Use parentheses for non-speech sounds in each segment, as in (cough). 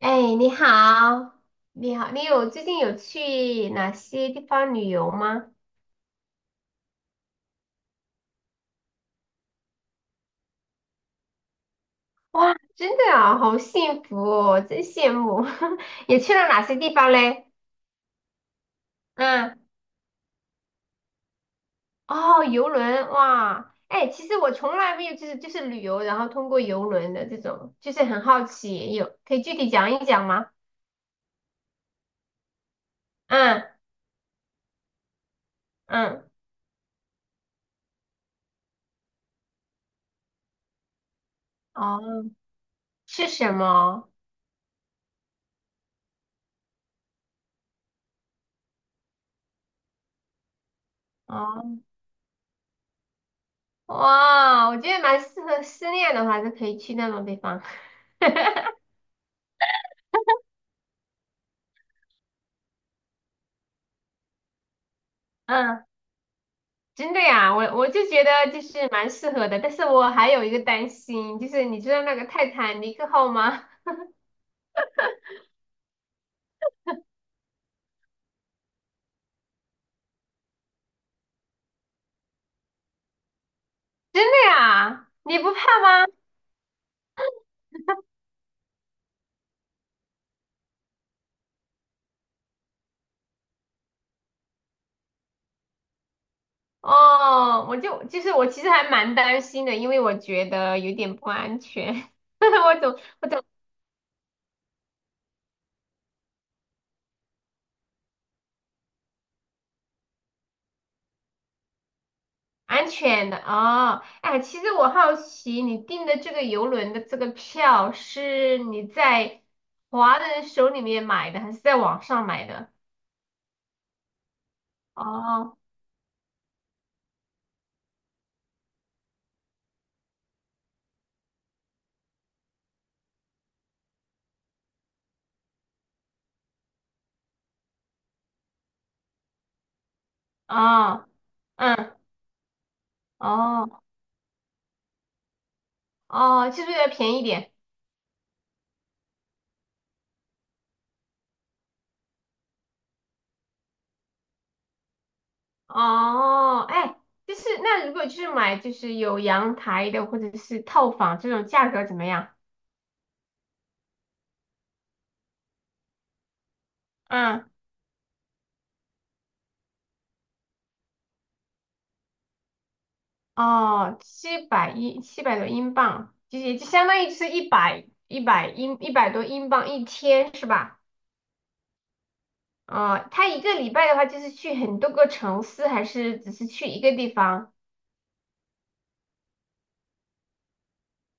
哎，你好，你好，你有最近有去哪些地方旅游吗？哇，真的啊，好幸福哦，真羡慕。(laughs) 也去了哪些地方嘞？嗯，哦，游轮，哇，哎，其实我从来没有就是旅游，然后通过游轮的这种，就是很好奇，有可以具体讲一讲吗？嗯嗯，哦，是什么？哦，哇，我觉得蛮适合失恋的话，就可以去那种地方。(laughs) 嗯。真的呀，我就觉得就是蛮适合的，但是我还有一个担心，就是你知道那个泰坦尼克号吗？(laughs) 真的呀，你不怕吗？哦，我就就是我其实还蛮担心的，因为我觉得有点不安全，(laughs) 我总我总安全的哦。哎，其实我好奇你订的这个游轮的这个票是你在华人手里面买的，还是在网上买的？哦哦，嗯哦。哦，就是要便宜点。哦，哎，就是那如果就是买就是有阳台的或者是套房这种价格怎么样？嗯，哦，七百多英镑，就也就相当于就是一百多英镑一天是吧？哦，他一个礼拜的话就是去很多个城市，还是只是去一个地方？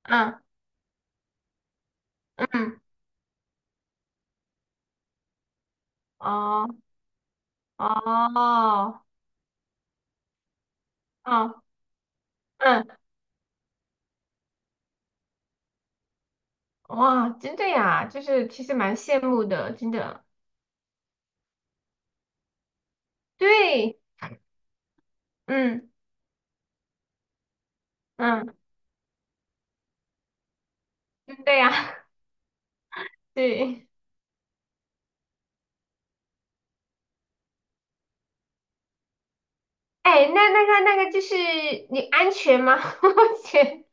嗯嗯，哦哦哦，嗯，哇，真的呀，就是其实蛮羡慕的，真的。对，嗯嗯，对呀，(laughs) 对。哎，那个就是你安全吗？(laughs) 我觉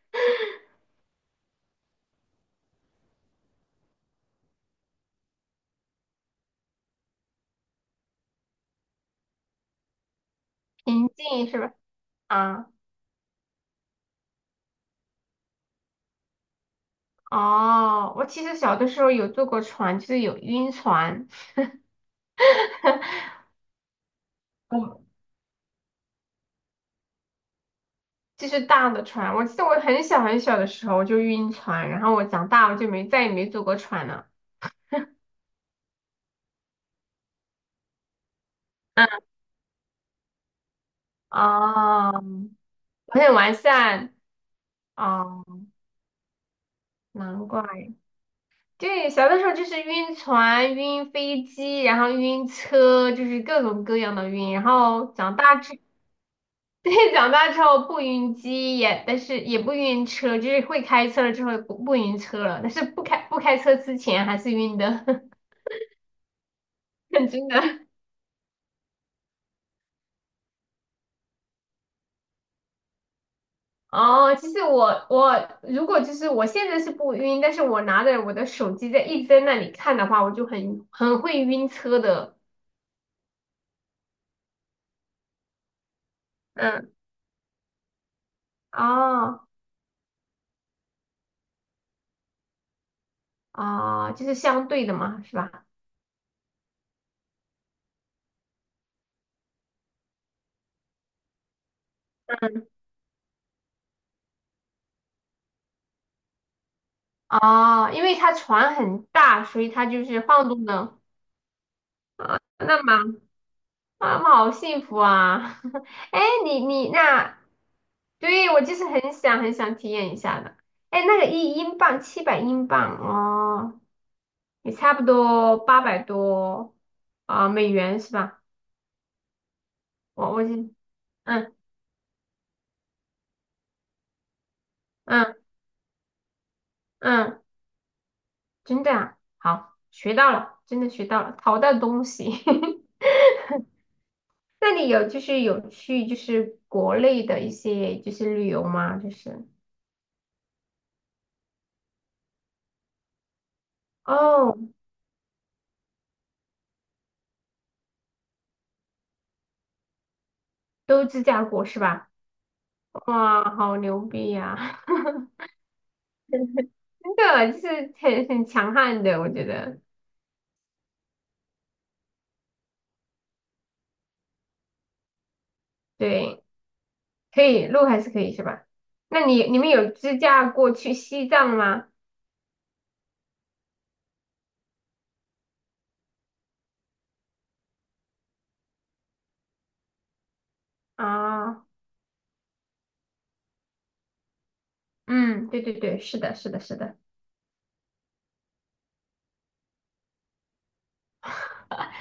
平静是吧？啊，哦，我其实小的时候有坐过船，就是有晕船，我就是大的船。我记得我很小很小的时候我就晕船，然后我长大我就没再也没坐过船了。嗯，哦，我很完善哦，难怪。对，小的时候就是晕船、晕飞机，然后晕车，就是各种各样的晕。然后长大之，(laughs) 对，长大之后不晕机也，但是也不晕车，就是会开车了之后不晕车了，但是不开车之前还是晕的，(laughs) 真的。哦，其实我如果就是我现在是不晕，但是我拿着我的手机在一直在那里看的话，我就很会晕车的。嗯哦哦，就是相对的嘛，是吧？哦，因为它船很大，所以它就是晃动的。啊，那妈妈好幸福啊！(laughs) 哎，你你那，对，我就是很想体验一下的。哎，那个一英镑七百英镑哦，也差不多八百多啊、美元是吧？我我记，嗯嗯嗯，真的啊，好，学到了，真的学到了，淘到东西。(laughs) 那你有就是有去就是国内的一些就是旅游吗？就是哦，都自驾过是吧？哇，好牛逼呀、(laughs) 真的就是很强悍的，我觉得对，可以路还是可以是吧？那你你们有自驾过去西藏吗？啊，嗯，对对对，是的，是的，是的，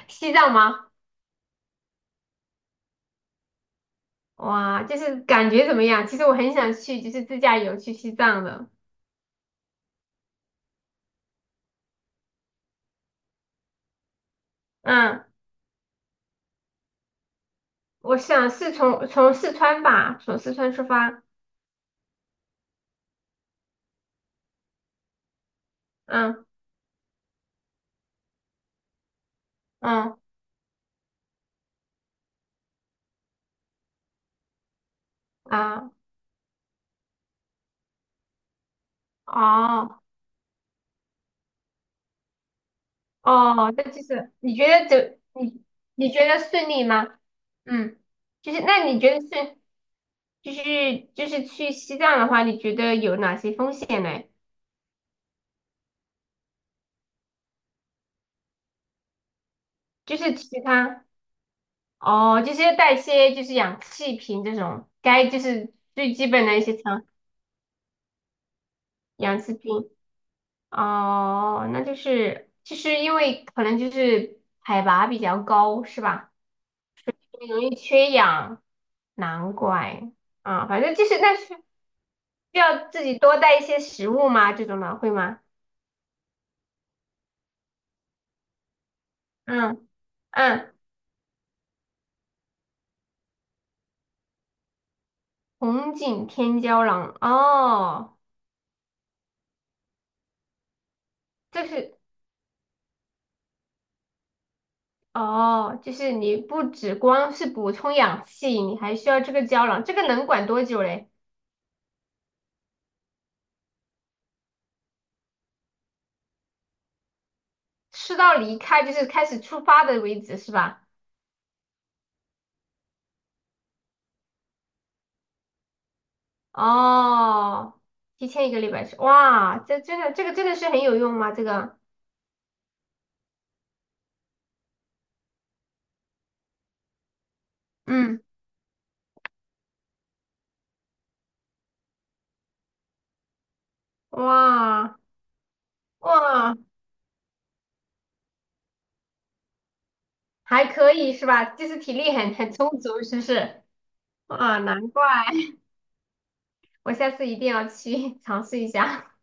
西藏吗？哇，就是感觉怎么样？其实我很想去，就是自驾游去西藏的，嗯。我想是从四川吧，从四川出发。嗯嗯啊哦哦，那就是你觉得顺利吗？嗯，就是那你觉得是就是去西藏的话，你觉得有哪些风险呢？就是其他哦，就是要带一些就是氧气瓶这种，该就是最基本的一些常氧气瓶。哦，那就是因为可能就是海拔比较高，是吧？容易缺氧，难怪啊，反正就是那是需要自己多带一些食物吗？这种的会吗？嗯嗯，红景天胶囊哦，这是哦，就是你不只光是补充氧气，你还需要这个胶囊，这个能管多久嘞？吃到离开就是开始出发的为止是吧？哦，提前一个礼拜吃，哇，这个真的是很有用吗？这个，嗯，哇哇。还可以是吧？就是体力很充足，是不是？啊，难怪，(laughs) 我下次一定要去 (laughs) 尝试一下。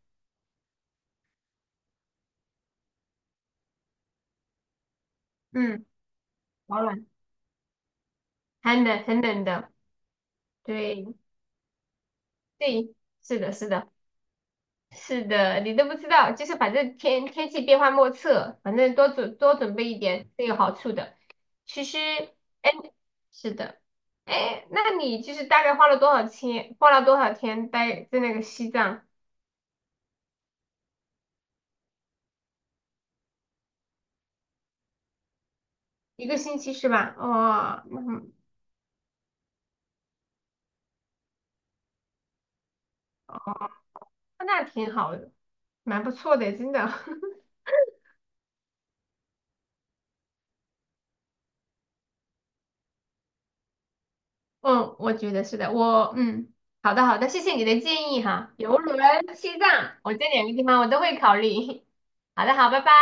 嗯，保暖，很冷很冷的，对对，是的，是的，是的，你都不知道，就是反正天气变幻莫测，反正多准备一点是有好处的。其实，哎，是的，哎，那你就是大概花了多少钱？花了多少天待在那个西藏？一个星期是吧？哇,那挺好的，蛮不错的，真的。(laughs) 嗯，我觉得是的，我嗯，好的好的，谢谢你的建议哈。游轮、西藏，我这两个地方我都会考虑。(laughs) 好的，好，拜拜。